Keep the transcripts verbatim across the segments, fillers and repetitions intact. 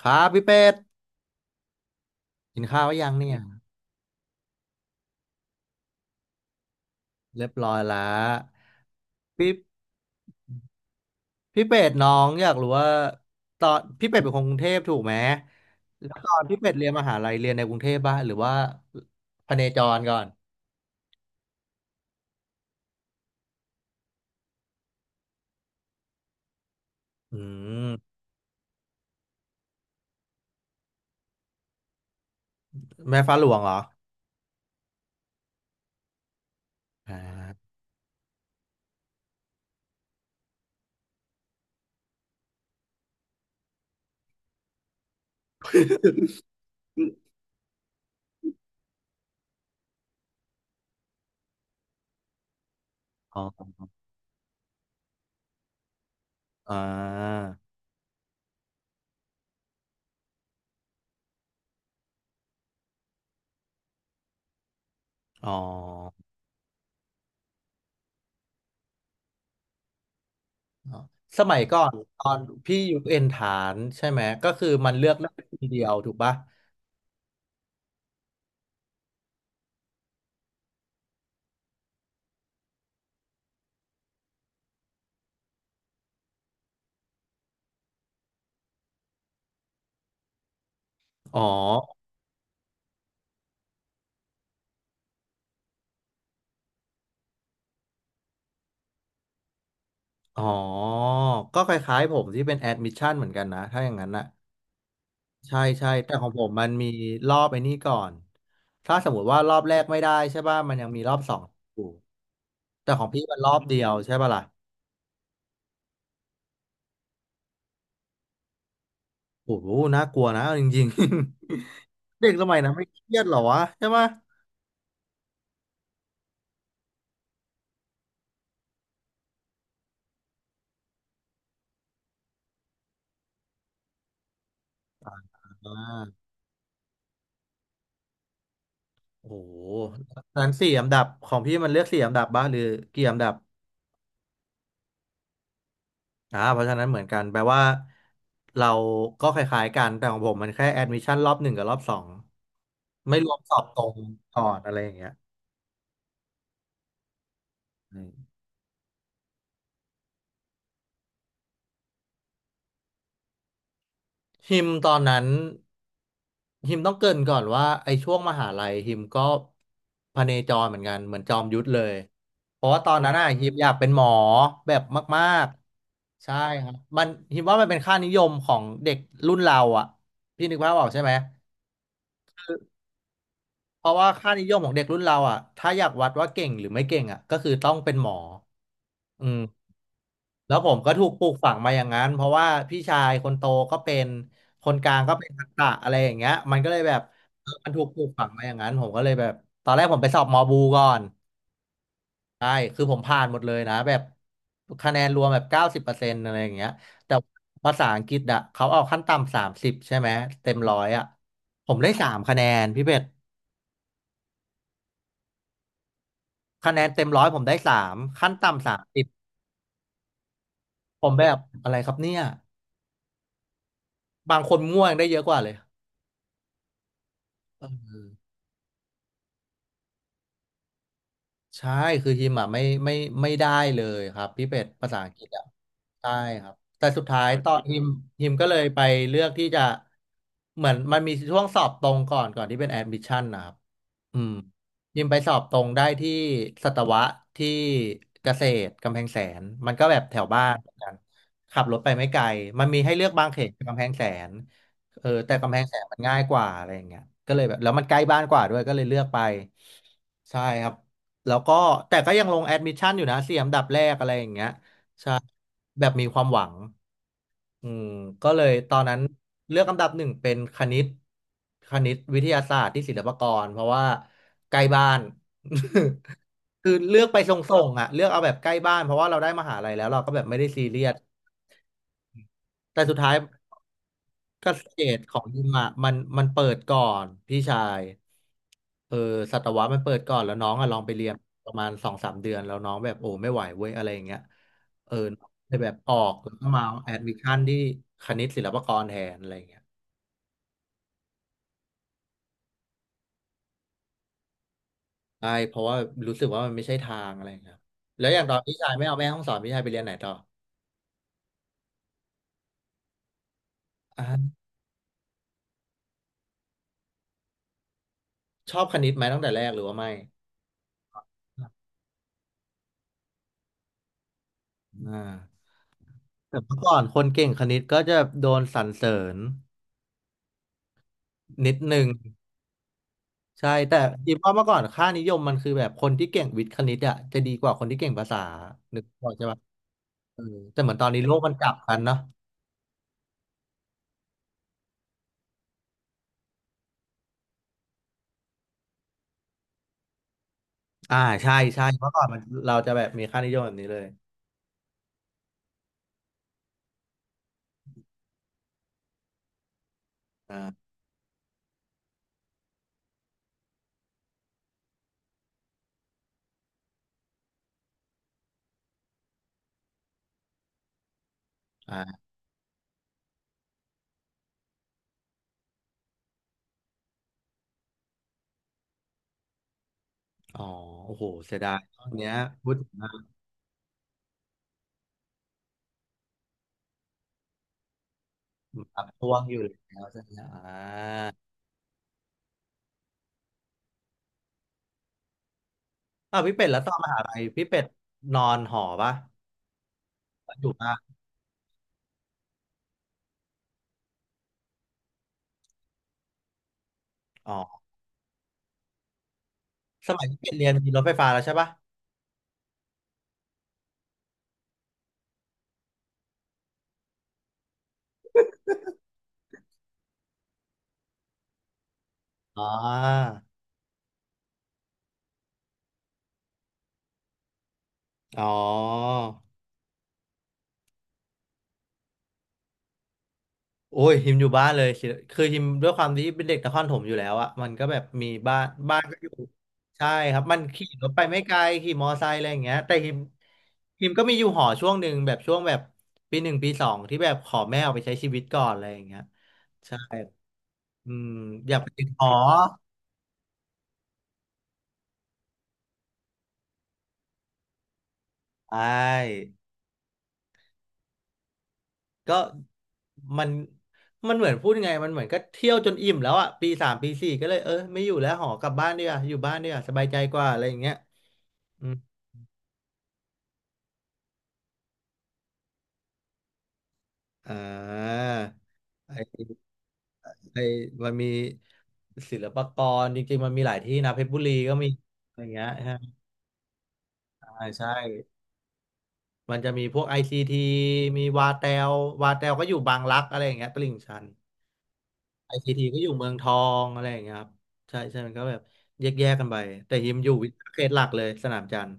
ครับพี่เป็ดกินข้าวหรือยังเนี่ยเรียบร้อยแล้วพี่พี่เป็ดน้องอยากรู้ว่าตอนพี่เป็ดเป็นคนกรุงเทพถูกไหมแล้วตอนพี่เป็ดเรียนมหาลัยเรียนในกรุงเทพป่ะหรือว่าพเนจรก่อนอืมแม่ฟ้าหลวงเหรออ่าอ๋ออ่าอ๋ออ๋อสมัยก่อนตอนพี่อยู่เอ็นฐานใช่ไหมก็คือมันเลือกได้คนเดียวถูกป่ะอ๋อ อ๋อ ก็คล้ายๆผมที่เป็นแอดมิชชั่นเหมือนกันนะ ถ้าอย่างนั้นนะใช่ใช่แต่ของผมมันมีรอบไอ้นี่ก่อน ถ้าสมมติว่ารอบแรกไม่ได้ใช่ป่ะ มันยังมีรอบสองอยู่แต่ของพี่มันรอบเดียวใช่ป่ะล่ะโอ้โหน่ากลัวนะเอาจริงๆ เด็กสมัยนั้นไม่เครียดเหรอวะใช่ป่ะอ่าโอ้โหนั้นสี่อันดับของพี่มันเลือกสี่อันดับบ้างหรือกี่อันดับ อ่าเพราะฉะนั้นเหมือนกันแปลว่าเราก็คล้ายๆกันแต่ของผมมันแค่แอดมิชชั่นรอบหนึ่งกับรอบสองไม่รวมสอบตรงก่อนอะไรอย่างเงี้ยอืมฮิมตอนนั้นฮิมต้องเกริ่นก่อนว่าไอ้ช่วงมหาลัยฮิมก็พเนจรเหมือนกันเหมือนจอมยุทธเลยเพราะว่าตอนนั้นอ่ะฮิมอยากเป็นหมอแบบมากๆ ใช่ครับมันฮิมว่ามันเป็นค่านิยมของเด็กรุ่นเราอ่ะพี่นึกภาพออกใช่ไหม เพราะว่าค่านิยมของเด็กรุ่นเราอ่ะถ้าอยากวัดว่าเก่งหรือไม่เก่งอ่ะก็คือต้องเป็นหมออืมแล้วผมก็ถูกปลูกฝังมาอย่างนั้น เพราะว่าพี่ชายคนโตก็เป็น คนกลางก็เป็นทักษะอะไรอย่างเงี้ยมันก็เลยแบบเออมันถูกปลูกฝังมาอย่างนั้นผมก็เลยแบบตอนแรกผมไปสอบมอบูก่อนใช่คือผมผ่านหมดเลยนะแบบคะแนนรวมแบบเก้าสิบเปอร์เซ็นต์อะไรอย่างเงี้ยแต่ภาษาอังกฤษอ่ะเขาเอาขั้นต่ำสามสิบใช่ไหมเต็มร้อยอ่ะผมได้สามคะแนนพี่เป็ดคะแนนเต็มร้อยผมได้สามขั้นต่ำสาม ผมแบบอะไรครับเนี่ยบางคนง่วงได้เยอะกว่าเลยเออ ใช่ คือฮิมอ่ะไม่ไม่ไม่ได้เลยครับพี่เป็ดภาษาอังกฤษอ่ะใช่ครับแต่สุดท้ายตอนฮิมฮิมก็เลยไปเลือกที่จะเหมือนมันมีช่วงสอบตรงก่อนก่อนที่เป็นแอดมิชชั่นนะครับอืมฮิมไปสอบตรงได้ที่สัตวะที่เกษตรกำแพงแสนมันก็แบบแถวบ้านเหมือนกันขับรถไปไม่ไกลมันมีให้เลือกบางเขตกำแพงแสนเออแต่กำแพงแสนมันง่ายกว่าอะไรอย่างเงี้ยก็เลยแบบแล้วมันใกล้บ้านกว่าด้วยก็เลยเลือกไปใช่ครับ แล้วก็แต่ก็ยังลงแอดมิชชั่นอยู่นะสี่อันดับแรกอะไรอย่างเงี้ยแบบมีความหวังอืมก็เลยตอนนั้นเลือกอันดับหนึ่งเป็นคณิตคณิตวิทยาศาสตร์ที่ศิลปากรเพราะว่าใกล้บ้าน คือเลือกไปส่งๆอ่ะเลือกเอาแบบใกล้บ้านเพราะว่าเราได้มหาลัยแล้วเราก็แบบไม่ได้ซีเรียสแต่สุดท้าย ก็สเตจของยิมอ่ะมันมันเปิดก่อนพี่ชายเออสัตวะมันเปิดก่อนแล้วน้องอะลองไปเรียนประมาณสองสามเดือนแล้วน้องแบบโอ้ไม่ไหวเว้ยอะไรอย่างเงี้ยเออเลยแบบออกแล้วก็มาแอดมิชชั่นที่คณิตศิลปากรแทนอะไรอย่างเงี้ยใช่เพราะว่ารู้สึกว่ามันไม่ใช่ทางอะไรอย่างเงี้ยครับแล้วอย่างตอนพี่ชายไม่เอาแม่ห้องสอนพี่ชายไปเรียนไหนต่ออ่าชอบคณิตไหมตั้งแต่แรกหรือว่าไม่อ่าแต่เมื่อก่อนคนเก่งคณิตก็จะโดนสรรเสริญนิดนึง ใช่แต่คิดว่าเมื่อก่อนค่านิยมมันคือแบบคนที่เก่งวิทย์คณิตอะจะดีกว่าคนที่เก่งภาษานึกออกใช่ปะเออแต่เหมือนตอนนี้โลกมันกลับกันเนาะอ่าใช่ใช่เมื่อก่อนมันเราจะแบบมีค่านิยมแบบนี้เลยอ่าอ่าอ๋อโอ้โหเสียดายตอนเนี้ยพูดถึงว่ามันอับท่วงอยู่แล้วใช่ไหมอ่าอ้าวพี่เป็ดแล้วตอนมหาลัยพี่เป็ดนอนหอปะอยู่ปะอ๋อสมัยพี่เป็ดเรียนมีรถไฟฟ้าแล้วใช่ปะอ่าอ๋อ โอ้ยฮิมอยู่บ้านเลยคือคือฮิมด้วยความที่เป็นเด็กนครถมอยู่แล้วอะมันก็แบบมีบ้านบ้านก็อยู่ใช่ครับมันขี่รถไปไม่ไกลขี่มอไซค์อะไรอย่างเงี้ยแต่ฮิมฮิมก็มีอยู่หอช่วงหนึ่งแบบช่วงแบบปีหนึ่งปีสองที่แบบขอแม่ออกไปใช้ชีวิตก่อนอะไรอย่างเงี้ยใช่อืมอยากไปติดหอใช่ก็มันมันเหมือนพูดยังไงมันเหมือนก็เที่ยวจนอิ่มแล้วอะปีสามปีสี่ก็เลยเออไม่อยู่แล้วหอกลับบ้านดีกว่าอยู่บ้านดีกว่าสบายใจกว่าอะไรอย่างเงี้ยอื อ่าไอไอมันมีศิลปากรจริงๆมันมีหลายที่นะเพชรบุรีก็มีอะไรเงี้ยฮะอ่าใช่มันจะมีพวกไอซีทีมีวาแตววาแตวก็อยู่บางรักอะไรอย่างเงี้ยตลิ่งชันไอซีทีก็อยู่เมืองทองอะไรอย่างเงี้ยครับใช่ใช่มันก็แบบแยกแยกกันไปแต่ฮิมอยู่วิทยาเขตหลักเลยสนามจันทร์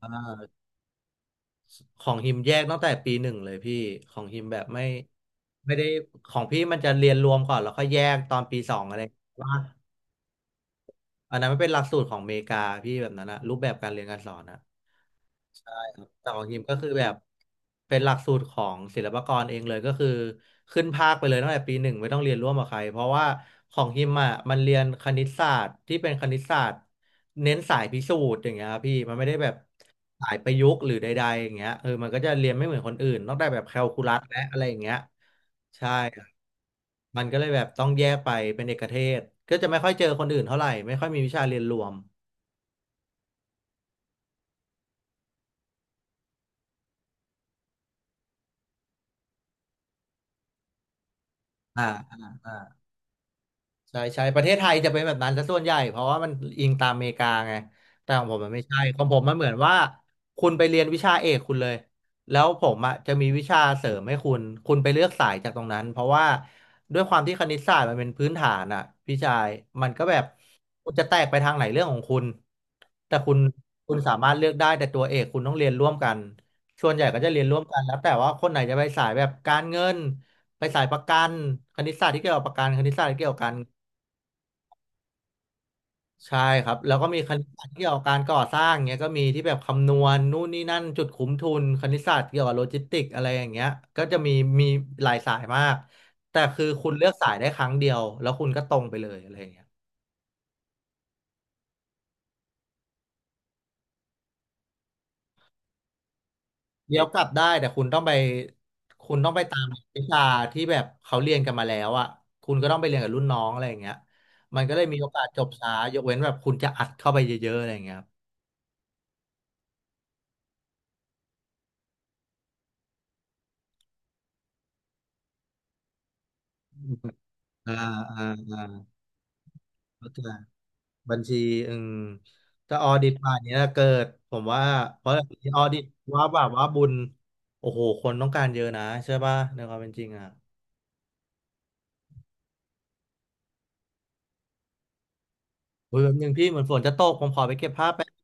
อ่าของฮิมแยกตั้งแต่ปีหนึ่งเลยพี่ของฮิมแบบไม่ไม่ได้ของพี่มันจะเรียนรวมก่อนแล้วค่อยแยกตอนปีสองอะไรว่า อันนั้นมันเป็นหลักสูตรของอเมริกาพี่แบบนั้นนะรูปแบบการเรียนการสอนนะ แต่ของฮิมก็คือแบบเป็นหลักสูตรของศิลปากรเองเลยก็คือขึ้นภาคไปเลยตั้งแต่ปีหนึ่งไม่ต้องเรียนร่วมกับใครเพราะว่าของฮิมอ่ะมันเรียนคณิตศาสตร์ที่เป็นคณิตศาสตร์เน้นสายพิสูจน์อย่างเงี้ยครับพี่มันไม่ได้แบบสายประยุกต์หรือใดๆอย่างเงี้ยเออมันก็จะเรียนไม่เหมือนคนอื่นนอกจากแบบแคลคูลัสและอะไรอย่างเงี้ยใช่ครับมันก็เลยแบบต้องแยกไปเป็นเอกเทศก็จะไม่ค่อยเจอคนอื่นเท่าไหร่ไม่ค่อยมีวิชาเรียนรวมอ่าอ่า ใช่ใช่ประเทศไทยจะเป็นแบบนั้นซะส่วนใหญ่เพราะว่ามันอิงตามอเมริกาไงแต่ของผมมันไม่ใช่ของผมมันเหมือนว่าคุณไปเรียนวิชาเอกคุณเลยแล้วผมอ่ะจะมีวิชาเสริมให้คุณคุณไปเลือกสายจากตรงนั้นเพราะว่าด้วยความที่คณิตศาสตร์มันเป็นพื้นฐานอ่ะพี่ชายมันก็แบบคุณจะแตกไปทางไหนเรื่องของคุณแต่คุณคุณสามารถเลือกได้แต่ตัวเอกคุณต้องเรียนร่วมกันส่วนใหญ่ก็จะเรียนร่วมกันแล้วแต่ว่าคนไหนจะไปสายแบบการเงินไปสายประกันคณิตศาสตร์ที่เกี่ยวกับประกันคณิตศาสตร์ที่เกี่ยวกัน ใช่ครับแล้วก็มีคณิตศาสตร์เกี่ยวกับการก่อสร้างเนี้ยก็มีที่แบบคำนวณนู่นนี่นั่นจุดคุ้มทุนคณิตศาสตร์เกี่ยวกับโลจิสติกอะไรอย่างเงี้ยก็จะมีมีหลายสายมากแต่คือคุณเลือกสายได้ครั้งเดียวแล้วคุณก็ตรงไปเลยอะไรอย่างเงี้ยเดี๋ยวกลับได้แต่คุณต้องไปคุณต้องไปตามวิชาที่แบบเขาเรียนกันมาแล้วอ่ะคุณก็ต้องไปเรียนกับรุ่นน้องอะไรอย่างเงี้ยมันก็เลยมีโอกาสจบช้ายกเว้นแบบคุณจะอัดเข้าไปเยอะๆอะไรอย่างเงี้ยครับอ่าอ่าอ่าเข้าใจ บัญชีอืมจะออดิตป่านเนี้ยเกิดผมว่าเพราะออดิตว่าแบบว่าบุญโอ้โหคนต้องการเยอะนะใช่ป่ะในความเป็นจริงอ่ะอุ้ยแบบนึงพี่เหมือนฝนจะตกผมขอไปเก็บผ้าแป๊บ